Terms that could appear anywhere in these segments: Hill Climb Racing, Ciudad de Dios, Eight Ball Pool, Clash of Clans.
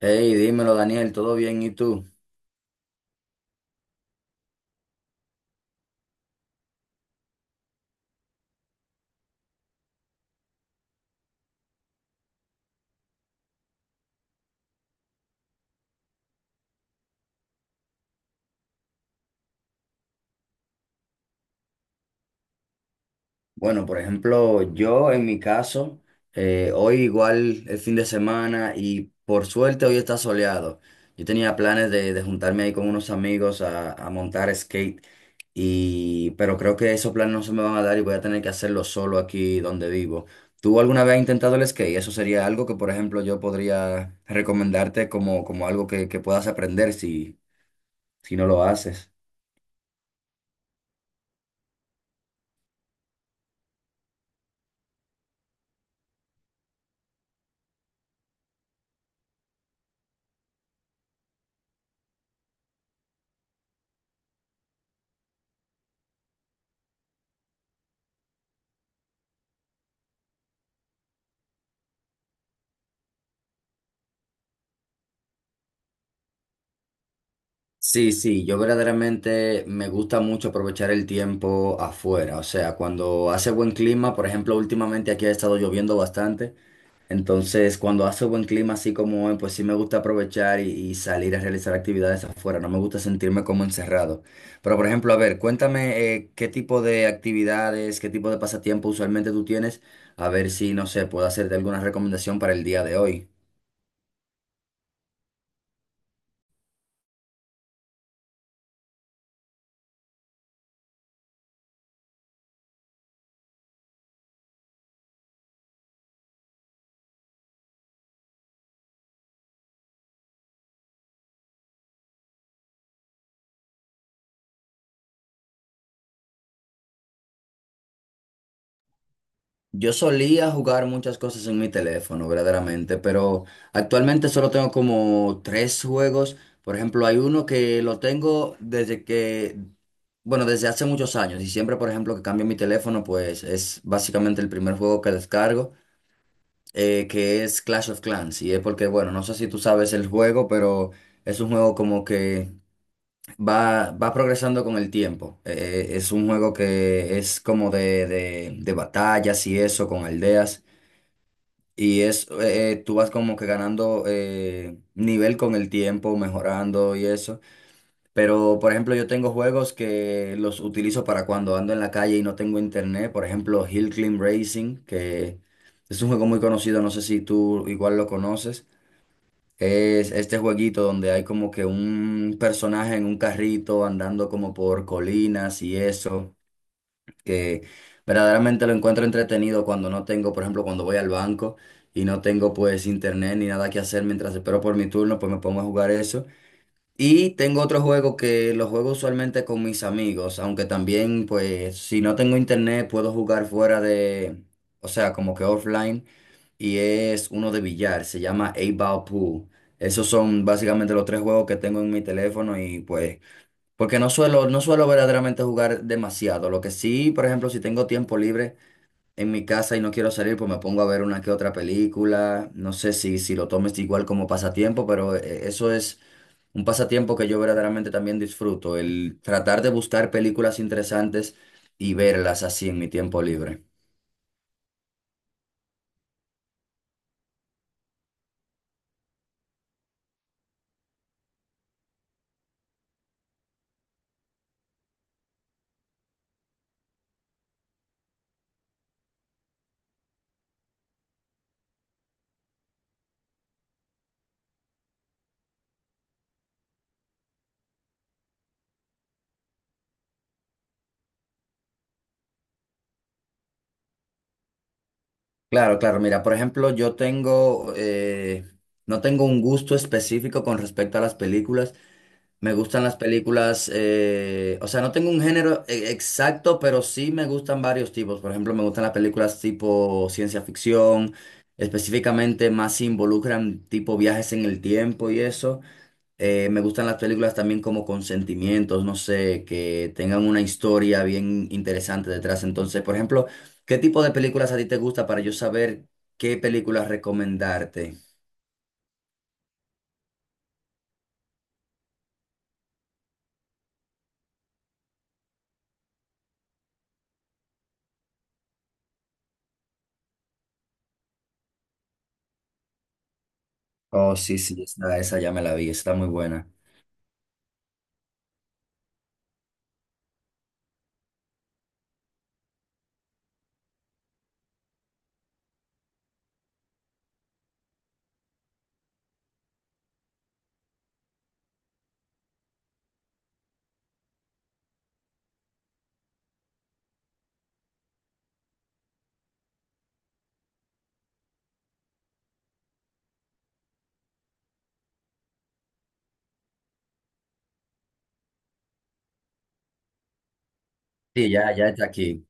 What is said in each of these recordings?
Hey, dímelo Daniel, ¿todo bien? ¿Y tú? Bueno, por ejemplo, yo en mi caso, hoy igual el fin de semana y por suerte hoy está soleado. Yo tenía planes de juntarme ahí con unos amigos a montar skate, y pero creo que esos planes no se me van a dar y voy a tener que hacerlo solo aquí donde vivo. ¿Tú alguna vez has intentado el skate? Eso sería algo que, por ejemplo, yo podría recomendarte como, como algo que puedas aprender si no lo haces. Sí, sí, yo verdaderamente me gusta mucho aprovechar el tiempo afuera, o sea, cuando hace buen clima, por ejemplo, últimamente aquí ha estado lloviendo bastante, entonces cuando hace buen clima así como hoy, pues sí me gusta aprovechar y salir a realizar actividades afuera, no me gusta sentirme como encerrado. Pero, por ejemplo, a ver, cuéntame qué tipo de actividades, qué tipo de pasatiempo usualmente tú tienes, a ver si, no sé, puedo hacerte alguna recomendación para el día de hoy. Yo solía jugar muchas cosas en mi teléfono, verdaderamente, pero actualmente solo tengo como tres juegos. Por ejemplo, hay uno que lo tengo desde que, bueno, desde hace muchos años y siempre, por ejemplo, que cambio mi teléfono, pues es básicamente el primer juego que descargo, que es Clash of Clans. Y es porque, bueno, no sé si tú sabes el juego, pero es un juego como que va progresando con el tiempo. Es un juego que es como de, de batallas y eso, con aldeas. Y es, tú vas como que ganando nivel con el tiempo, mejorando y eso. Pero, por ejemplo, yo tengo juegos que los utilizo para cuando ando en la calle y no tengo internet. Por ejemplo, Hill Climb Racing, que es un juego muy conocido, no sé si tú igual lo conoces. Es este jueguito donde hay como que un personaje en un carrito andando como por colinas y eso que verdaderamente lo encuentro entretenido cuando no tengo, por ejemplo, cuando voy al banco y no tengo pues internet ni nada que hacer mientras espero por mi turno, pues me pongo a jugar eso. Y tengo otro juego que lo juego usualmente con mis amigos, aunque también pues si no tengo internet puedo jugar fuera de, o sea, como que offline y es uno de billar, se llama eight Ball Pool. Esos son básicamente los tres juegos que tengo en mi teléfono y pues porque no suelo verdaderamente jugar demasiado. Lo que sí, por ejemplo, si tengo tiempo libre en mi casa y no quiero salir, pues me pongo a ver una que otra película. No sé si, si lo tomes igual como pasatiempo, pero eso es un pasatiempo que yo verdaderamente también disfruto, el tratar de buscar películas interesantes y verlas así en mi tiempo libre. Claro, claro. Mira, por ejemplo, yo tengo, no tengo un gusto específico con respecto a las películas. Me gustan las películas, o sea, no tengo un género exacto, pero sí me gustan varios tipos. Por ejemplo, me gustan las películas tipo ciencia ficción, específicamente más si involucran tipo viajes en el tiempo y eso. Me gustan las películas también como con sentimientos, no sé, que tengan una historia bien interesante detrás. Entonces, por ejemplo, ¿qué tipo de películas a ti te gusta para yo saber qué películas recomendarte? Oh, sí, sí, esa ya me la vi, está muy buena. Sí, ya, ya está aquí.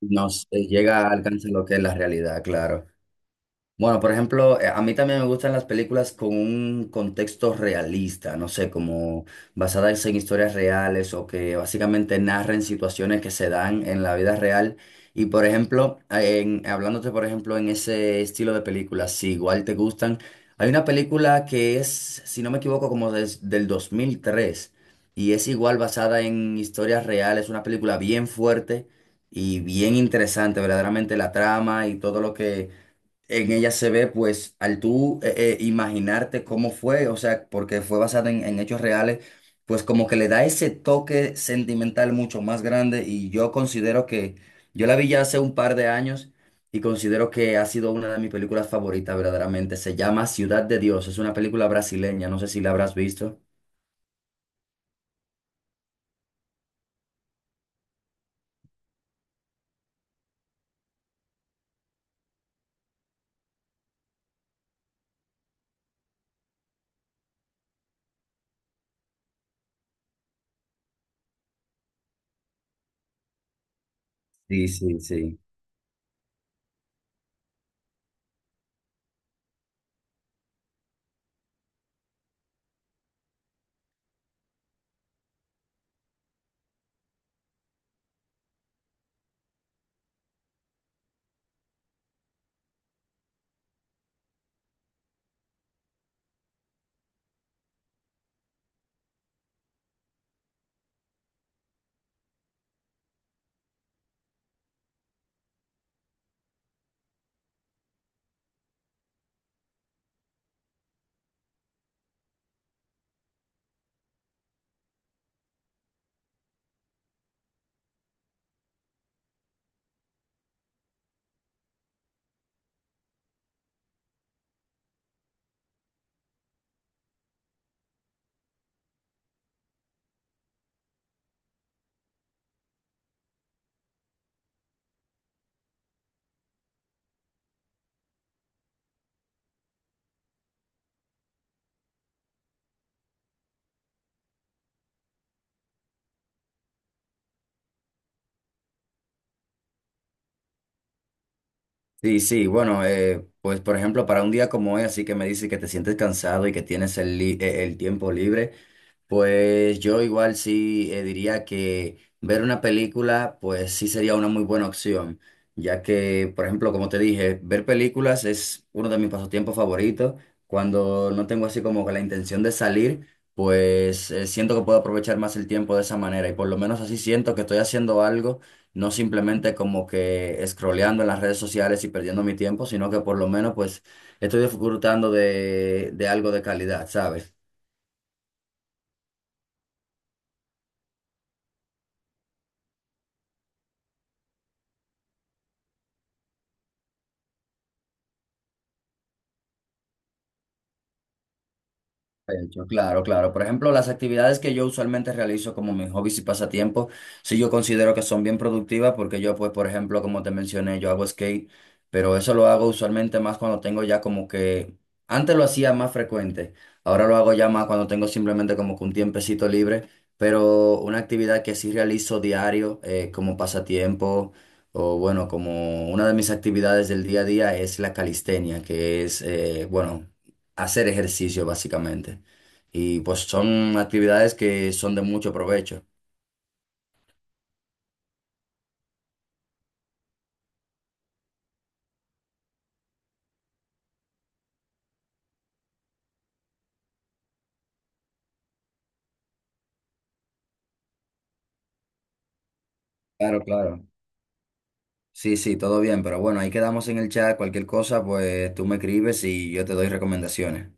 Nos llega, alcanza lo que es la realidad, claro. Bueno, por ejemplo, a mí también me gustan las películas con un contexto realista, no sé, como basadas en historias reales o que básicamente narren situaciones que se dan en la vida real. Y por ejemplo, hablándote por ejemplo en ese estilo de películas, si igual te gustan, hay una película que es, si no me equivoco, como del 2003 y es igual basada en historias reales, una película bien fuerte y bien interesante, verdaderamente la trama y todo lo que en ella se ve, pues, al tú imaginarte cómo fue, o sea, porque fue basada en hechos reales, pues como que le da ese toque sentimental mucho más grande y yo considero que, yo la vi ya hace un par de años y considero que ha sido una de mis películas favoritas verdaderamente. Se llama Ciudad de Dios, es una película brasileña, no sé si la habrás visto. Sí, sí, sí. Sí, sí, bueno, pues por ejemplo, para un día como hoy, así que me dice que te sientes cansado y que tienes el, el tiempo libre. Pues yo igual sí diría que ver una película, pues sí sería una muy buena opción, ya que, por ejemplo, como te dije, ver películas es uno de mis pasatiempos favoritos. Cuando no tengo así como que la intención de salir, pues siento que puedo aprovechar más el tiempo de esa manera y por lo menos así siento que estoy haciendo algo, no simplemente como que scrolleando en las redes sociales y perdiendo mi tiempo, sino que por lo menos pues estoy disfrutando de algo de calidad, ¿sabes? De hecho, claro, claro. Por ejemplo, las actividades que yo usualmente realizo como mis hobbies y pasatiempos, sí yo considero que son bien productivas porque yo, pues, por ejemplo, como te mencioné, yo hago skate, pero eso lo hago usualmente más cuando tengo ya como que, antes lo hacía más frecuente, ahora lo hago ya más cuando tengo simplemente como que un tiempecito libre, pero una actividad que sí realizo diario como pasatiempo o bueno, como una de mis actividades del día a día es la calistenia, que es, bueno, hacer ejercicio básicamente. Y pues son actividades que son de mucho provecho. Claro, claro. Sí, sí, todo bien, pero bueno, ahí quedamos en el chat. Cualquier cosa, pues tú me escribes y yo te doy recomendaciones.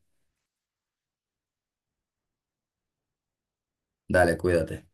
Dale, cuídate.